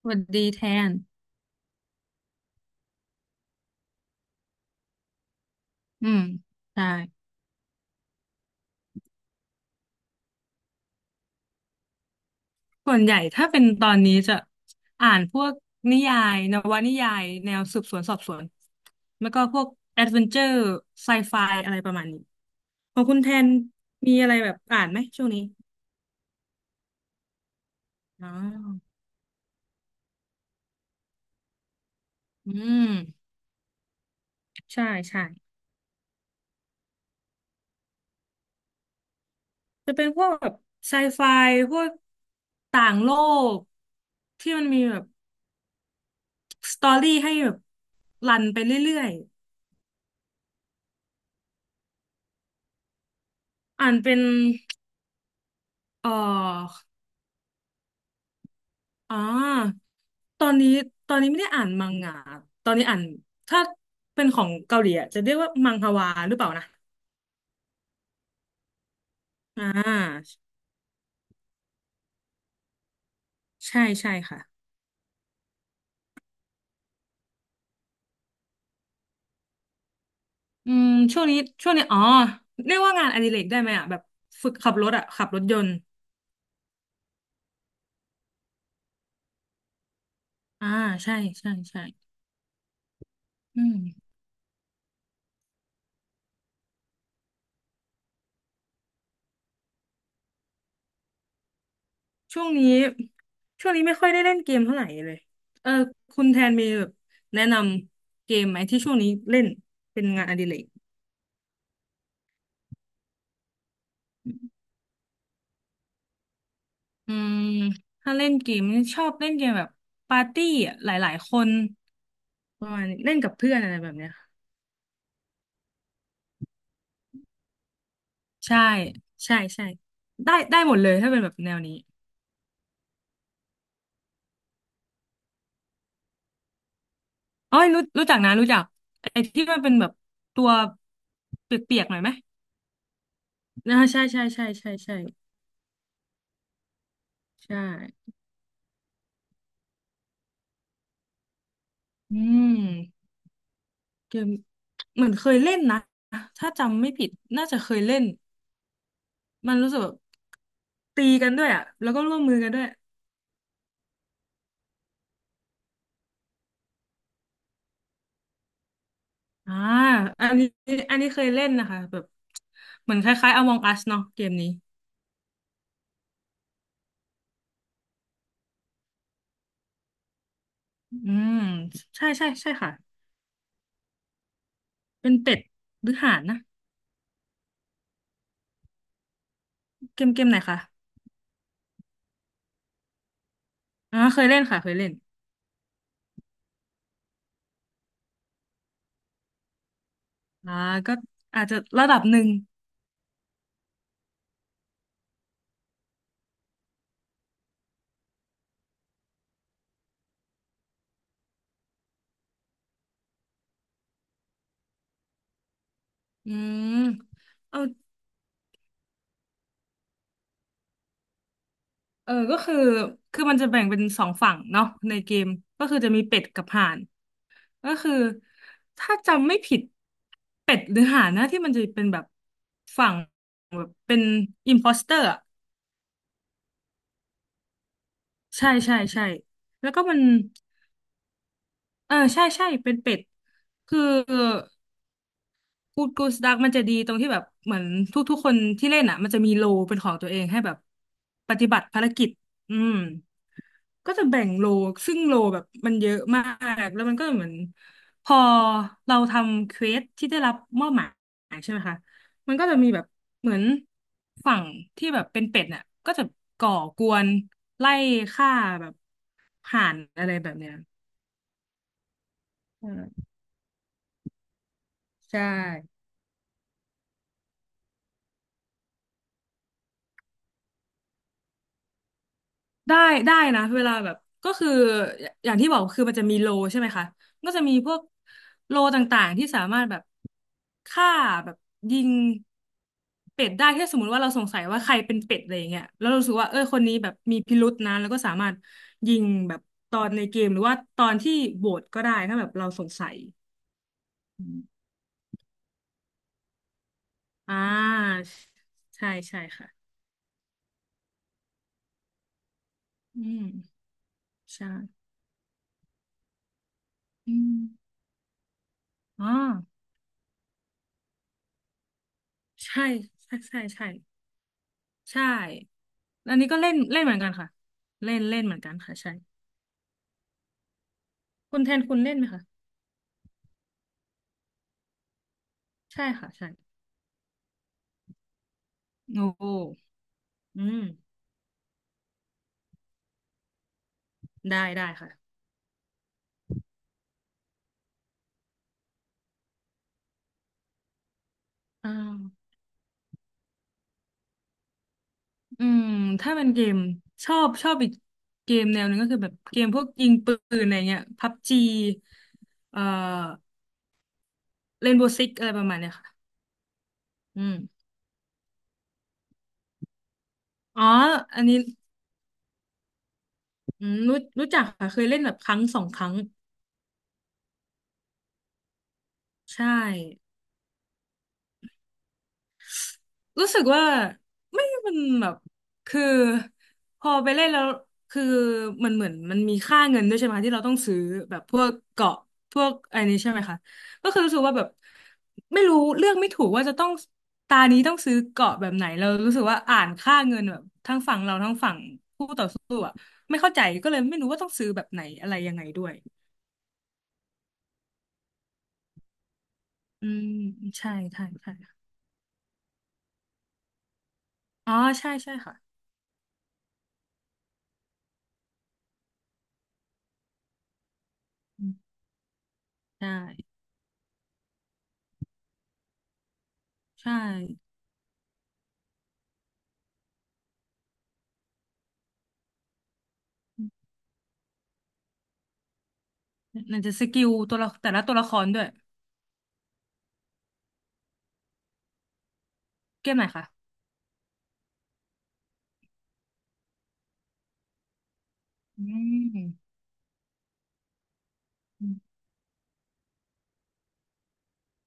สวัสดีแทน อืม ใช่ส่วนใหญ่ถ้าเป็นตอนนี้จะอ่านพวกนิยายนวนิยายแนวสืบสวนสอบสวน แล้วก็พวกแอดเวนเจอร์ไซไฟอะไรประมาณนี้ของคุณแทนมีอะไรแบบอ่านไหมช่วงนี้อ๋ออืม ใช่ใช่จะเป็นพวกแบบไซไฟพวกต่างโลกที่มันมีแบบสตอรี่ให้แบบรันไปเรื่อยๆอ่านเป็นเอ่อ อ่าตอนนี้ไม่ได้อ่านมังงะตอนนี้อ่านถ้าเป็นของเกาหลีอะจะเรียกว่ามังฮวาหรือเปล่านะอ่าใช่ใช่ค่ะอืมช่วงนี้อ๋อเรียกว่างานอดิเรกได้ไหมอ่ะแบบฝึกขับรถอ่ะขับรถยนต์ อ่า ใช่ใช่ใช่อืมช่วงนี้ไม่ค่อยได้เล่นเกมเท่าไหร่เลยเออคุณแทนมีแบบแนะนำเกมไหมที่ช่วงนี้เล่นเป็นงานอดิเรก อืมถ้าเล่นเกมนี่ชอบเล่นเกมแบบปาร์ตี้อะหลายๆคนประมาณนี้เล่นกับเพื่อนอะไรแบบเนี้ยใช่ใช่ใช่ได้ได้หมดเลยถ้าเป็นแบบแนวนี้อ๋อยรู้รู้จักนะรู้จักไอ้ที่มันเป็นแบบตัวเปียกๆหน่อยไหมอ่าใช่ใช่ใช่ใช่ใช่ใช่อืมเกมเหมือนเคยเล่นนะถ้าจำไม่ผิดน่าจะเคยเล่นมันรู้สึกแบบตีกันด้วยอ่ะแล้วก็ร่วมมือกันด้วย อ่าอันนี้เคยเล่นนะคะแบบเหมือนคล้ายๆ Among Us เนาะเกมนี้อืมใช่ใช่ใช่ค่ะเป็นเป็ดหรือห่านนะเกมไหนคะอ่าเคยเล่นค่ะเคยเล่นอ่าก็อาจจะระดับหนึ่งอืมเอาเออก็คือมันจะแบ่งเป็นสองฝั่งเนาะในเกมก็คือจะมีเป็ดกับห่านก็คือถ้าจำไม่ผิดเป็ดหรือห่านนะที่มันจะเป็นแบบฝั่งแบบเป็นอิมโพสเตอร์ ใช่ใช่ใช่แล้วก็มันเออใช่ใช่เป็นเป็ด คือกูดกูสดักมันจะดีตรงที่แบบเหมือนทุกๆคนที่เล่นอ่ะมันจะมีโลเป็นของตัวเองให้แบบปฏิบัติภารกิจอืมก็จะแบ่งโลซึ่งโลแบบมันเยอะมาก แล้วมันก็เหมือนพอเราทำเควสที่ได้รับมอบหมายใช่ไหมคะ มันก็จะมีแบบเหมือนฝั่งที่แบบเป็นเป็ดน่ะก็จะก่อกวนไล่ฆ่าแบบห่านอะไรแบบเนี้ย อืมใช่ได้ได้นะเวลาแบบก็คือย่างที่บอกคือมันจะมีโลใช่ไหมคะก็จะมีพวกโลต่างๆที่สามารถแบบฆ่าแบบยิงเป็ดได้ถ้าสมมติว่าเราสงสัยว่าใครเป็นเป็ดอะไรอย่างเงี้ยแล้วเรารู้สึกว่าเออคนนี้แบบมีพิรุษนะแล้วก็สามารถยิงแบบตอนในเกมหรือว่าตอนที่โหวตก็ได้ถ้าแบบเราสงสัยอืมอ่าใช่ใช่ค่ะอืมใช่อืมอ๋อใช่ใช่ใช่ใช่ ใช่อันนี้ก็เล่นเล่นเหมือนกันค่ะเล่นเล่นเหมือนกันค่ะใช่คุณแทนคุณเล่นไหมคะใช่ค่ะใช่โอ้โหอืมได้ได้ค่ะอ่าอืมถ้าเป็นเกมชอบอีกเกมแนวหนึงก็คือแบบเกมพวกยิงปืนอะไรเงี้ยพับจีเอ่อเรนโบว์ซิกอะไรประมาณเนี้ยค่ะอืมอ๋ออันนี้อืมรู้รู้จักค่ะเคยเล่นแบบครั้งสองครั้งใช่ รู้สึกว่าไม่มันแบบคือพอไปเล่นแล้วคือเหมือนมันมีค่าเงินด้วยใช่ไหมคะที่เราต้องซื้อแบบพวกเกาะพวกอะไรนี้ใช่ไหมคะก็คือรู้สึกว่าแบบไม่รู้เลือกไม่ถูกว่าจะต้องตานี้ต้องซื้อเกาะแบบไหนเรารู้สึกว่าอ่านค่าเงินแบบทั้งฝั่งเราทั้งฝั่งคู่ต่อสู้อะไม่เข้าใจก็เลยไม่รู้ว่าต้องซื้อแบบไหนอะไรยังไงด้วยอืมใช่ใช่ใช่อ๋อใช่ใช่ค่ะอืมใช่ใช่ ไ่นจะสกิลตัวละแต่ละตัวละครด้วยเกมไหนคะอืมอืม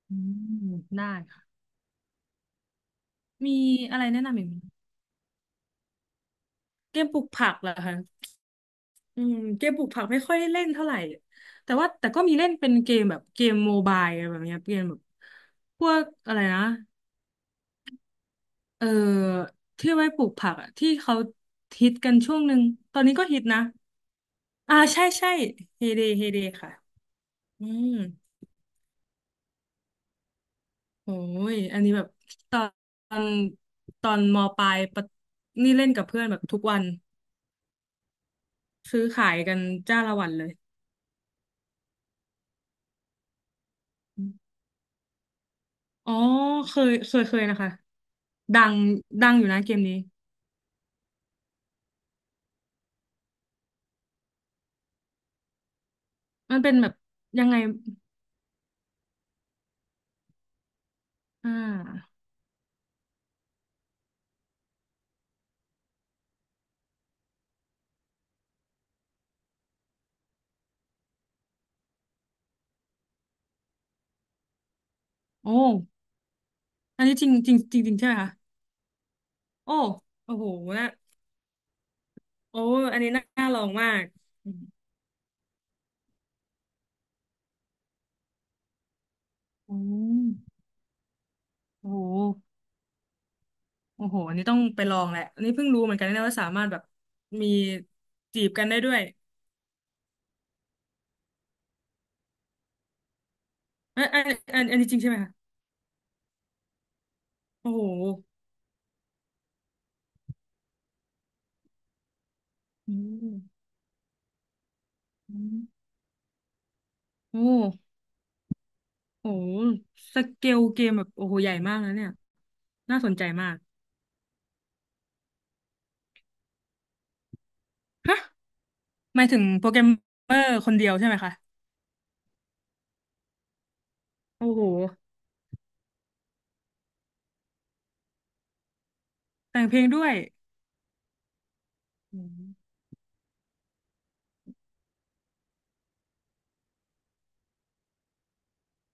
อืมได้ค่ะ มีอะไรแนะนำอีกไหมเกมปลูกผักเหรอคะอืมเกมปลูกผักไม่ค่อยได้เล่นเท่าไหร่แต่ว่าแต่ก็มีเล่นเป็นเกมแบบเกมโมบายอะไรแบบเนี้ยเกมแบบพวกอะไรนะเออที่ไว้ปลูกผักอะที่เขาฮิตกันช่วงหนึ่งตอนนี้ก็ฮิตนะอ่าใช่ใช่เฮเดเฮเดค่ะอืม โอ้ยอันนี้แบบตอนตอนตอนมปลายปะนี่เล่นกับเพื่อนแบบทุกวันซื้อขายกันจ้าละวันเลยอ๋อเคยเคยเคยนะคะดังดังอยู่นะเกมนี้มันเป็นแบบยังไงอ่าโอ้อันนี้จริงจริงจริงจริงใช่ไหมคะโอ้โอ้โหนะโอ้อันนี้น่าน่าลองมากอืมโอ้โอ้โหโอ้โหอันนี้ต้องไปลองแหละอันนี้เพิ่งรู้เหมือนกันนะว่าสามารถแบบมีจีบกันได้ด้วย อันอันนี้จริงใช่ไหมคะโอ้โหอืมอืมโอ้โหสเกลเกมแบบโอ้โหใหญ่มากนะเนี่ยน่าสนใจมากฮะหมายถึงโปรแกรมเมอร์คนเดียวใช่ไหมคะโอ้โหแต่งเพลงด้วยอืม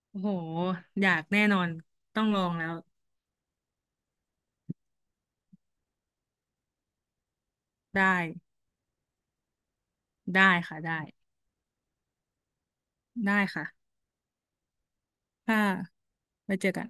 โอ้โหอยากแน่นอนต้องลองแล้วได้ได้ค่ะได้ค่ะถ้าไว้เจอกัน